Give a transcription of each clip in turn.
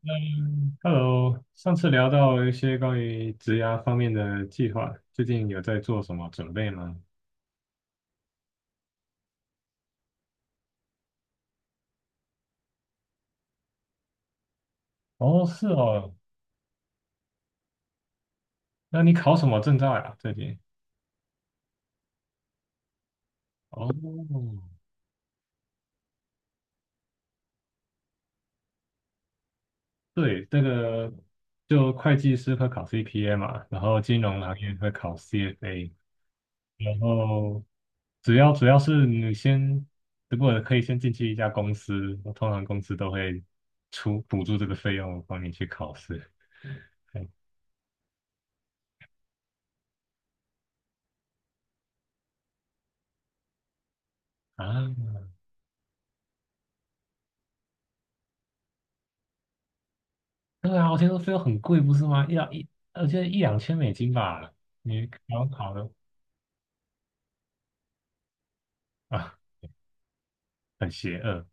嗯 Hello，上次聊到一些关于职涯方面的计划，最近有在做什么准备吗？哦，是哦，那你考什么证照呀？最近？哦，对，这个就会计师会考 CPA 嘛，然后金融行业会考 CFA，然后主要是你先，如果可以先进去一家公司，通常公司都会出补助这个费用帮你去考试。对啊，对啊，我听说用很贵，不是吗？一两一，我记得一两千美金吧。你考考的啊，很邪恶。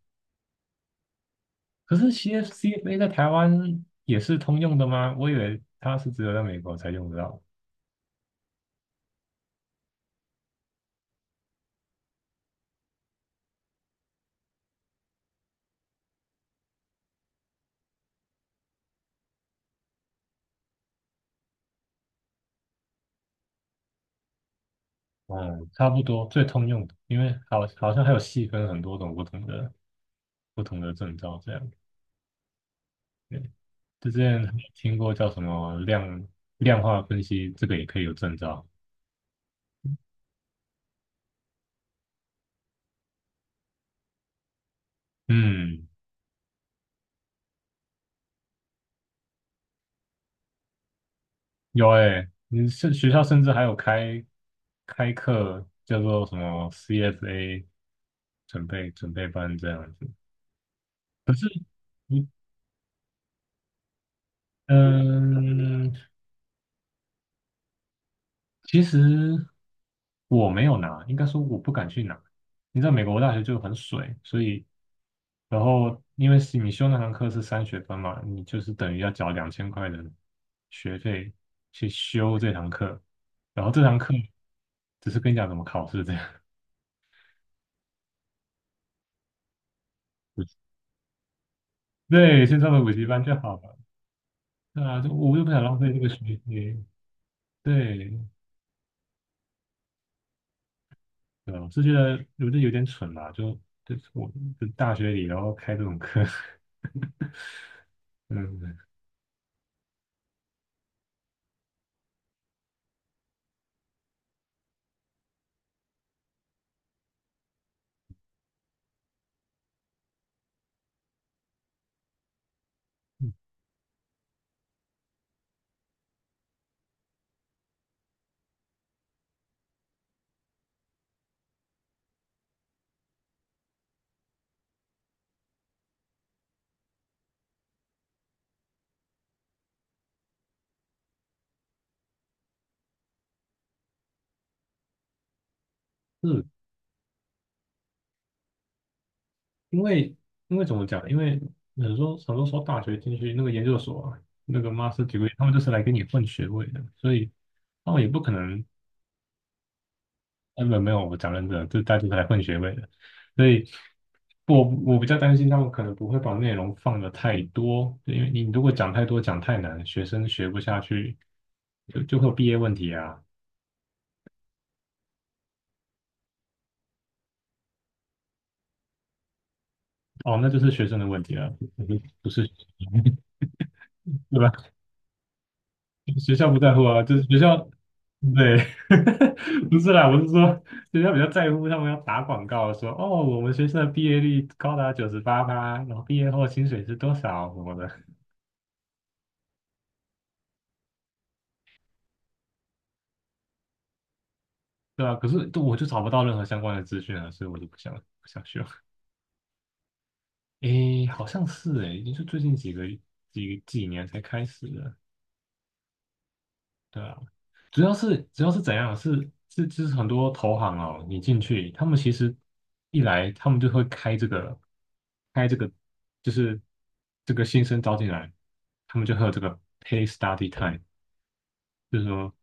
可是 CFA 在台湾也是通用的吗？我以为它是只有在美国才用得到。嗯，差不多，最通用的，因为好像还有细分很多种不同的证照这样。对，就之前还听过叫什么量化分析，这个也可以有证照。嗯，有诶、你是学校甚至还有开课，叫做什么 CFA 准备班这样子。可是你嗯，其实我没有拿，应该说我不敢去拿。你知道美国大学就很水，所以然后因为是你修那堂课是3学分嘛，你就是等于要缴2000块的学费去修这堂课，然后这堂课只是跟你讲怎么考试这样。对，先上的补习班就好了。对啊，就我又不想浪费这个时间。对，对啊，我是觉得我这有点蠢啦，我就大学里然后开这种课，嗯，是因为因为怎么讲？因为很多很多时候大学进去那个研究所啊那个 master degree，他们就是来给你混学位的，所以他们也不可能根本没有，我讲认真的，这大家都来混学位的，所以我比较担心他们可能不会把内容放的太多，因为你如果讲太多讲太难，学生学不下去，就会有毕业问题啊。哦，那就是学生的问题了，不是，对吧？学校不在乎啊，就是学校，对，不是啦，我是说学校比较在乎他们要打广告说，哦，我们学生的毕业率高达98%，然后毕业后薪水是多少什么的。对啊，可是都我就找不到任何相关的资讯啊，所以我就不想修。诶，好像是诶，也就最近几年才开始的。对啊，主要是怎样？是就是很多投行哦，你进去，他们其实一来他们就会开这个，就是这个新生招进来，他们就会有这个 pay study time，就是说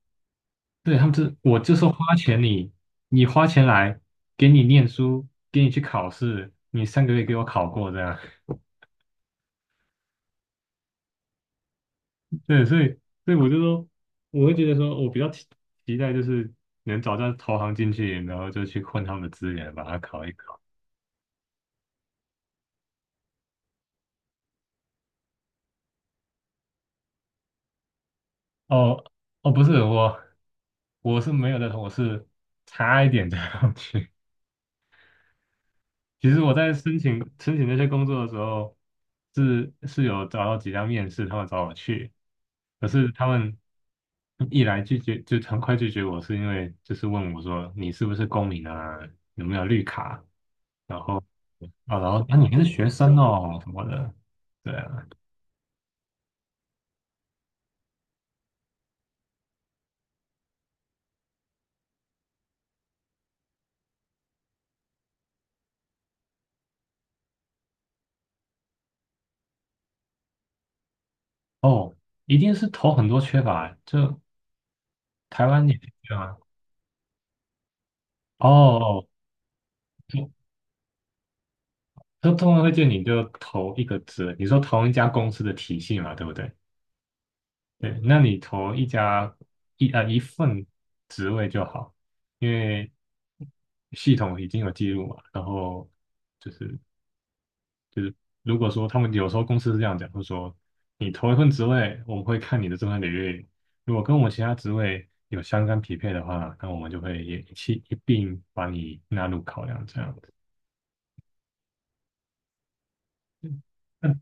对，他们这，我就是花钱你，你花钱来，给你念书，给你去考试，你上个月给我考过这样。对，所以我就说，我会觉得说，我比较期待就是能找到投行进去，然后就去混他们的资源，把它考一考。哦哦，不是我，我是没有的，我是差一点就要去。其实我在申请那些工作的时候，是有找到几家面试，他们找我去，可是他们一来拒绝就很快拒绝我，是因为就是问我说你是不是公民啊，有没有绿卡，然后啊，然后啊你还是学生哦什么的，对啊，哦，一定是投很多缺乏，就台湾也是啊，哦，哦就就通常会建议你就投一个职，你说同一家公司的体系嘛，对不对？对，那你投一家一份职位就好，因为系统已经有记录嘛。然后就是就是，如果说他们有时候公司是这样讲，就是说你投一份职位，我们会看你的这份履历，如果跟我们其他职位有相干匹配的话，那我们就会也一起一并把你纳入考量这样子。嗯，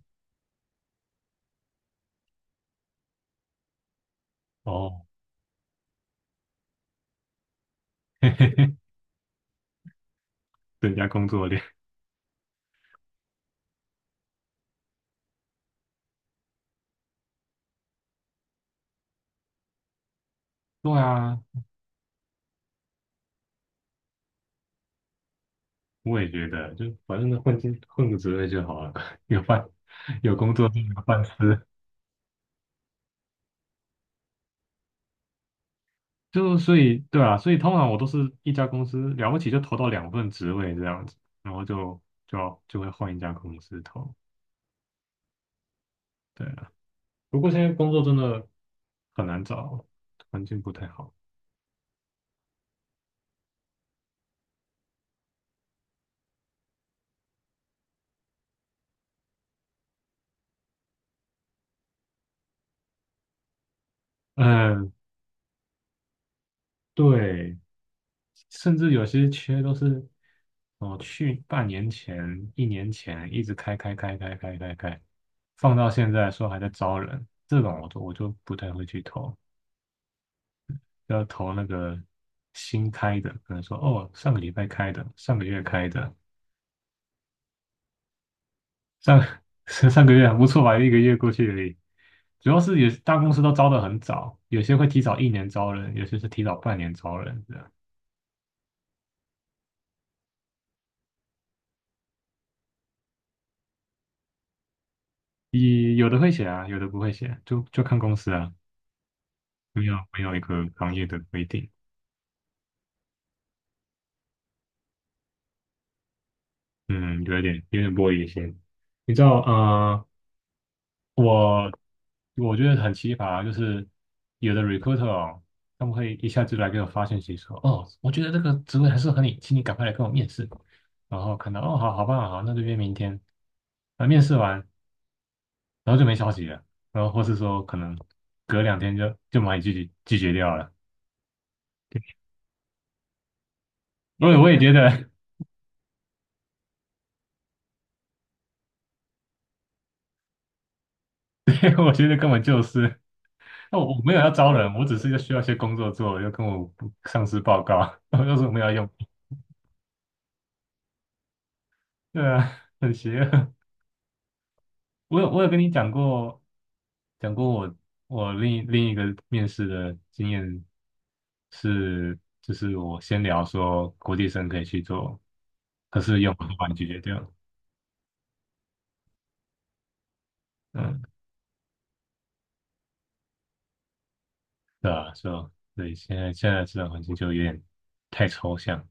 哦，增加工作量。对啊，我也觉得，就反正混进混个职位就好了，有饭有工作就有饭吃。就所以对啊，所以通常我都是一家公司了不起就投到两份职位这样子，然后就会换一家公司投。对啊，不过现在工作真的很难找，环境不太好。嗯、对，甚至有些缺都是哦，去半年前、一年前一直开开开开开开开，放到现在说还在招人，这种我就不太会去投，要投那个新开的，可能说哦，上个礼拜开的，上个月开的，上 上个月还不错吧，一个月过去而已。主要是有大公司都招的很早，有些会提早一年招人，有些是提早半年招人，这样。也有的会写啊，有的不会写，就看公司啊。没有没有一个行业的规定，嗯，有点玻璃心。你知道，我我觉得很奇葩，就是有的 recruiter 哦，他们会一下子来给我发信息说，哦，我觉得这个职位很适合你，请你赶快来跟我面试。然后看到，哦，好棒，好，那就约明天。啊，面试完，然后就没消息了，然后或是说可能隔两天就把你拒绝掉了。我也觉得，我觉得根本就是。那我没有要招人，我只是要需要一些工作做，要跟我上司报告，然后就说我们要用，对啊，很邪恶。我有跟你讲过，讲过我我另一个面试的经验是，就是我先聊说国际生可以去做，可是用我就把你拒绝掉，嗯，对啊，所以现在这种环境就有点太抽象，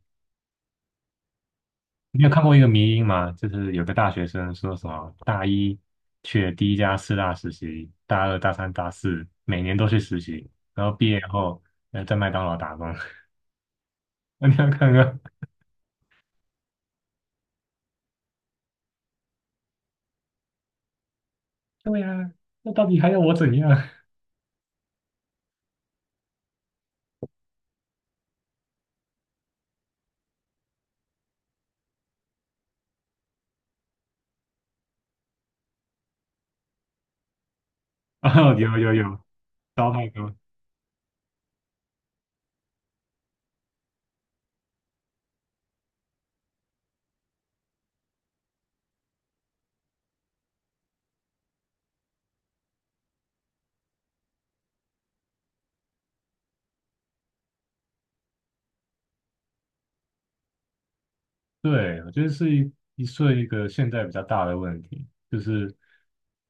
你有看过一个迷因吗？就是有个大学生说什么大一去了第一家四大实习，大二、大三、大四每年都去实习，然后毕业后在麦当劳打工。那你要看看，对呀、那到底还要我怎样？哦，有有有，糟太多。对，我觉得是是一个现在比较大的问题，就是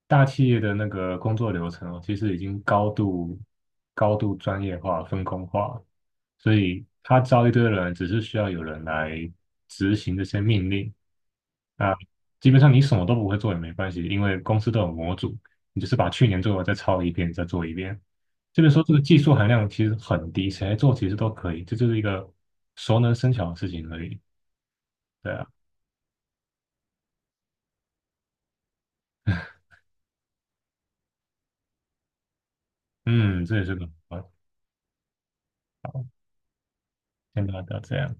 大企业的那个工作流程哦，其实已经高度专业化、分工化，所以他招一堆人，只是需要有人来执行这些命令。啊，基本上你什么都不会做也没关系，因为公司都有模组，你就是把去年做的再抄一遍，再做一遍。就是说，这个技术含量其实很低，谁来做其实都可以，这就是一个熟能生巧的事情而已。对啊。嗯，这也是个办好，先大家这样。